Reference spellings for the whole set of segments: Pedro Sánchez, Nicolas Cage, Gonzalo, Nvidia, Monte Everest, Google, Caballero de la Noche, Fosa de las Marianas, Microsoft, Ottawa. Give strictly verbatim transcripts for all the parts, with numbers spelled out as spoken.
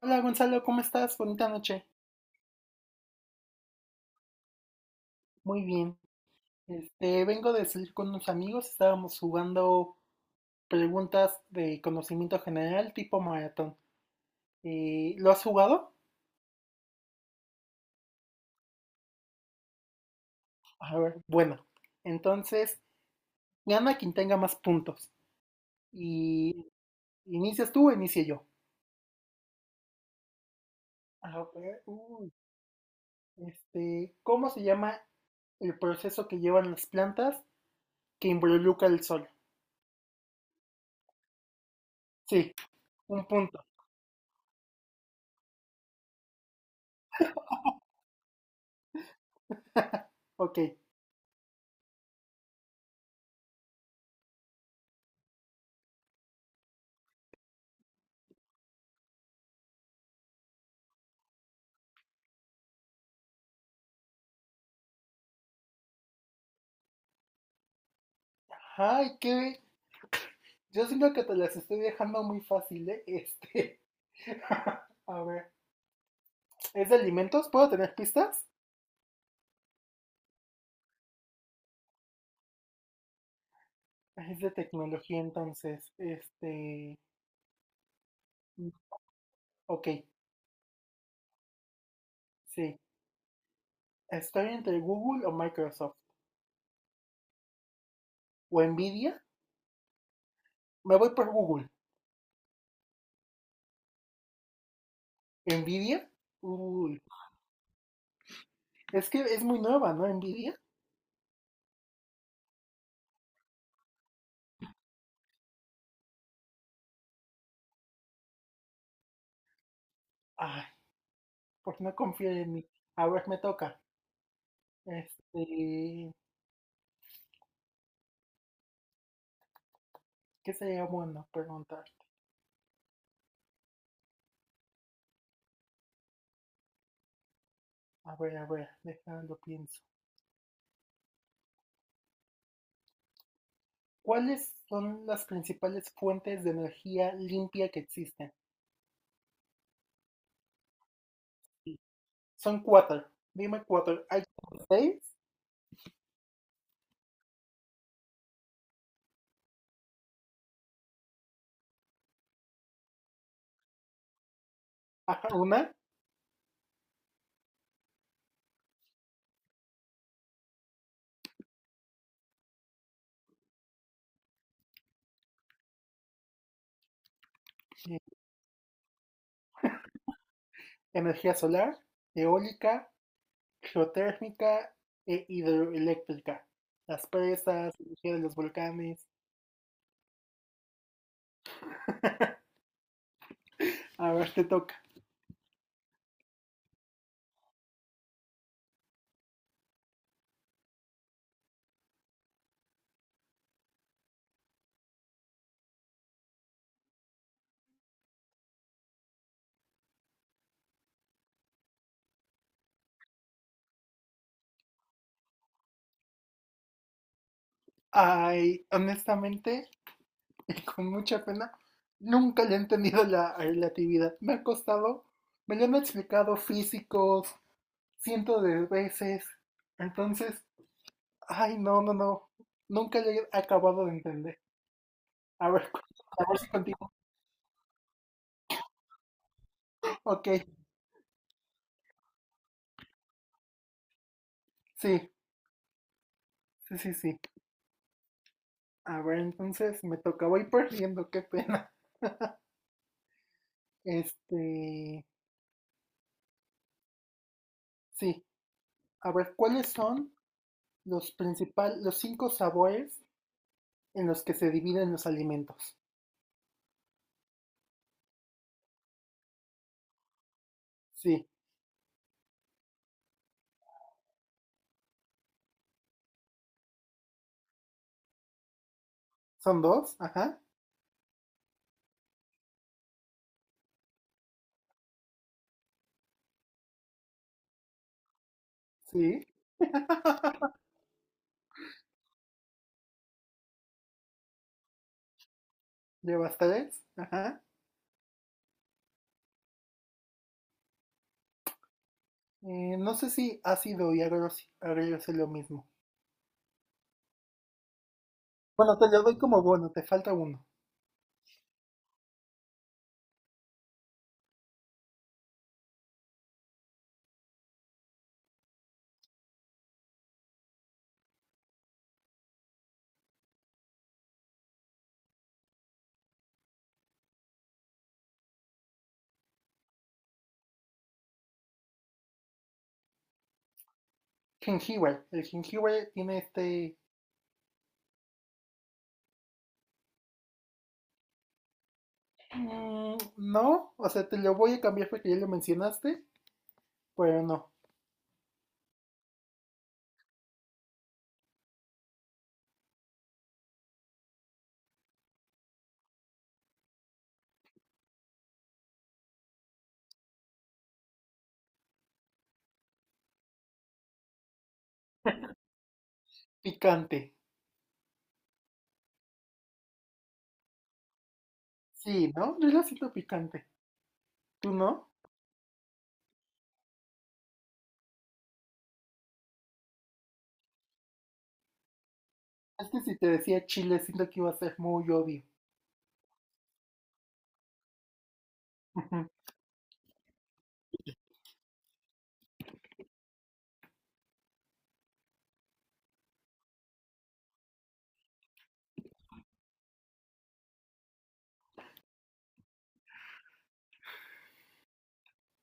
Hola Gonzalo, ¿cómo estás? Bonita noche. Muy bien. Este, vengo de salir con unos amigos, estábamos jugando preguntas de conocimiento general tipo maratón. Eh, ¿lo has jugado? A ver, bueno. Entonces, gana quien tenga más puntos. Y inicias tú o inicie yo. A ver, uy, este, ¿cómo se llama el proceso que llevan las plantas que involucra el sol? Sí, un punto. Ok. Ay, qué, yo siento que te las estoy dejando muy fácil, ¿eh? Este. A ver. ¿Es de alimentos? ¿Puedo tener pistas? Es de tecnología, entonces. Este. Ok, sí. Estoy entre Google o Microsoft. ¿O Nvidia? Me voy por Google. ¿Nvidia? Google. Es que es muy nueva, ¿no? Nvidia. Ay, pues no confío en mí. A ver, me toca. Este. ¿Qué sería bueno preguntar? A ver, a ver, déjalo pienso. ¿Cuáles son las principales fuentes de energía limpia que existen? Son cuatro. Dime cuatro. Hay como seis. Ajá, una. eh, Energía solar, eólica, geotérmica e hidroeléctrica. Las presas, energía de los volcanes. A ver, te toca. Ay, honestamente, y con mucha pena, nunca le he entendido la relatividad. Me ha costado, me lo han explicado físicos cientos de veces. Entonces, ay, no, no, no. Nunca lo he acabado de entender. A ver, cu- a ver si continúo. Ok, sí, sí, sí, sí. A ver, entonces me toca. Voy perdiendo, qué pena. Este, sí. A ver, ¿cuáles son los principales, los cinco sabores en los que se dividen los alimentos? Sí, son dos, ajá, sí. Llevas tres, ajá. Eh, no sé si ácido y agrio agrio es lo mismo. Bueno, te lo doy como bono, te falta uno. Jengibre. El jengibre tiene este. Mm, no, o sea, te lo voy a cambiar porque ya lo mencionaste, pero no. Picante. Sí, ¿no? Yo lo siento picante. ¿Tú no? Es que si te decía chile, siento que iba a ser muy obvio.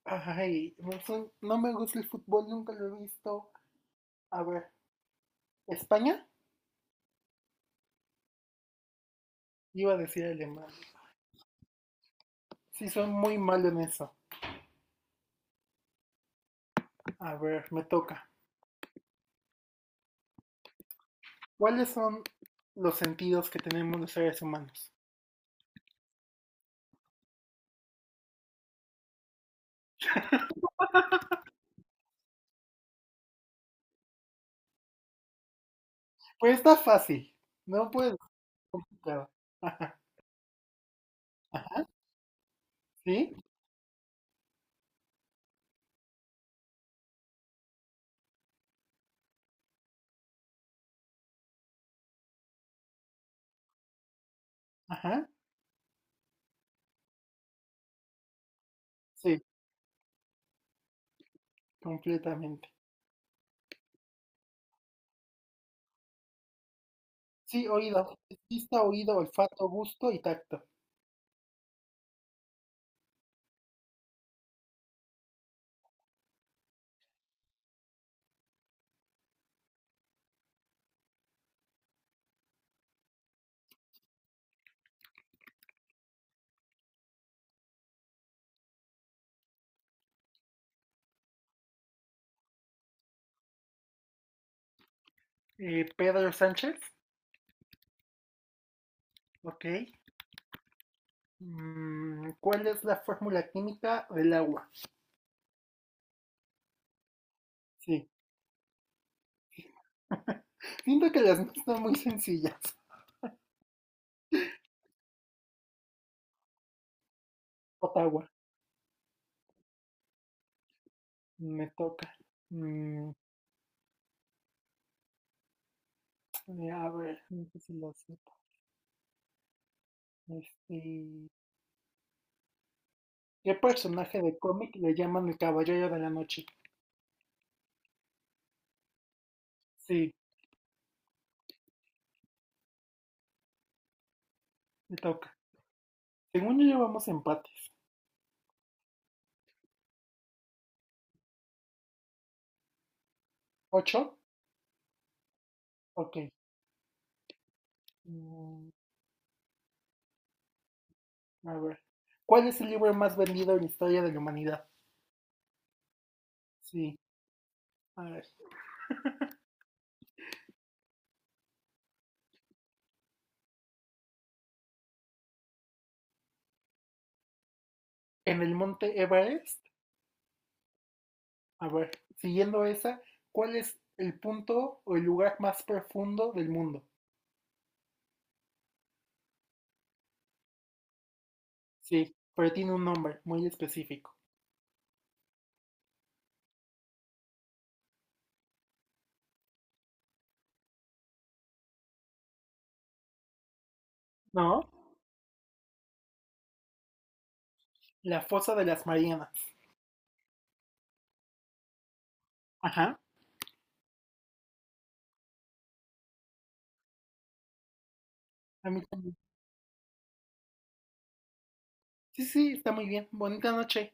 Ay, no sé, no me gusta el fútbol, nunca lo he visto. A ver, ¿España? Iba a decir Alemania. Sí, soy muy malo en eso. A ver, me toca. ¿Cuáles son los sentidos que tenemos los seres humanos? Pues está fácil. No puedes complicado. Ajá, ajá, sí, ajá, sí, completamente. Sí, oído, vista, oído, olfato, gusto y tacto. Eh, Pedro Sánchez, ok. Mm, ¿cuál es la fórmula química del agua? Sí, siento que las mías son muy sencillas. Ottawa, me toca. Mm, eh, a ver, no sé si lo sepa. Este, ¿Qué personaje de cómic le llaman el Caballero de la Noche? Sí, me toca. Según yo llevamos empates. ¿Ocho? Ok. mm, a ver. ¿Cuál es el libro más vendido en la historia de la humanidad? Sí. A ver. En el monte Everest. A ver. Siguiendo esa, ¿cuál es el punto o el lugar más profundo del mundo? Sí. Pero tiene un nombre muy específico. ¿No? La fosa de las Marianas. Ajá. A mí también. Sí, sí, sí, está muy bien. Bonita noche.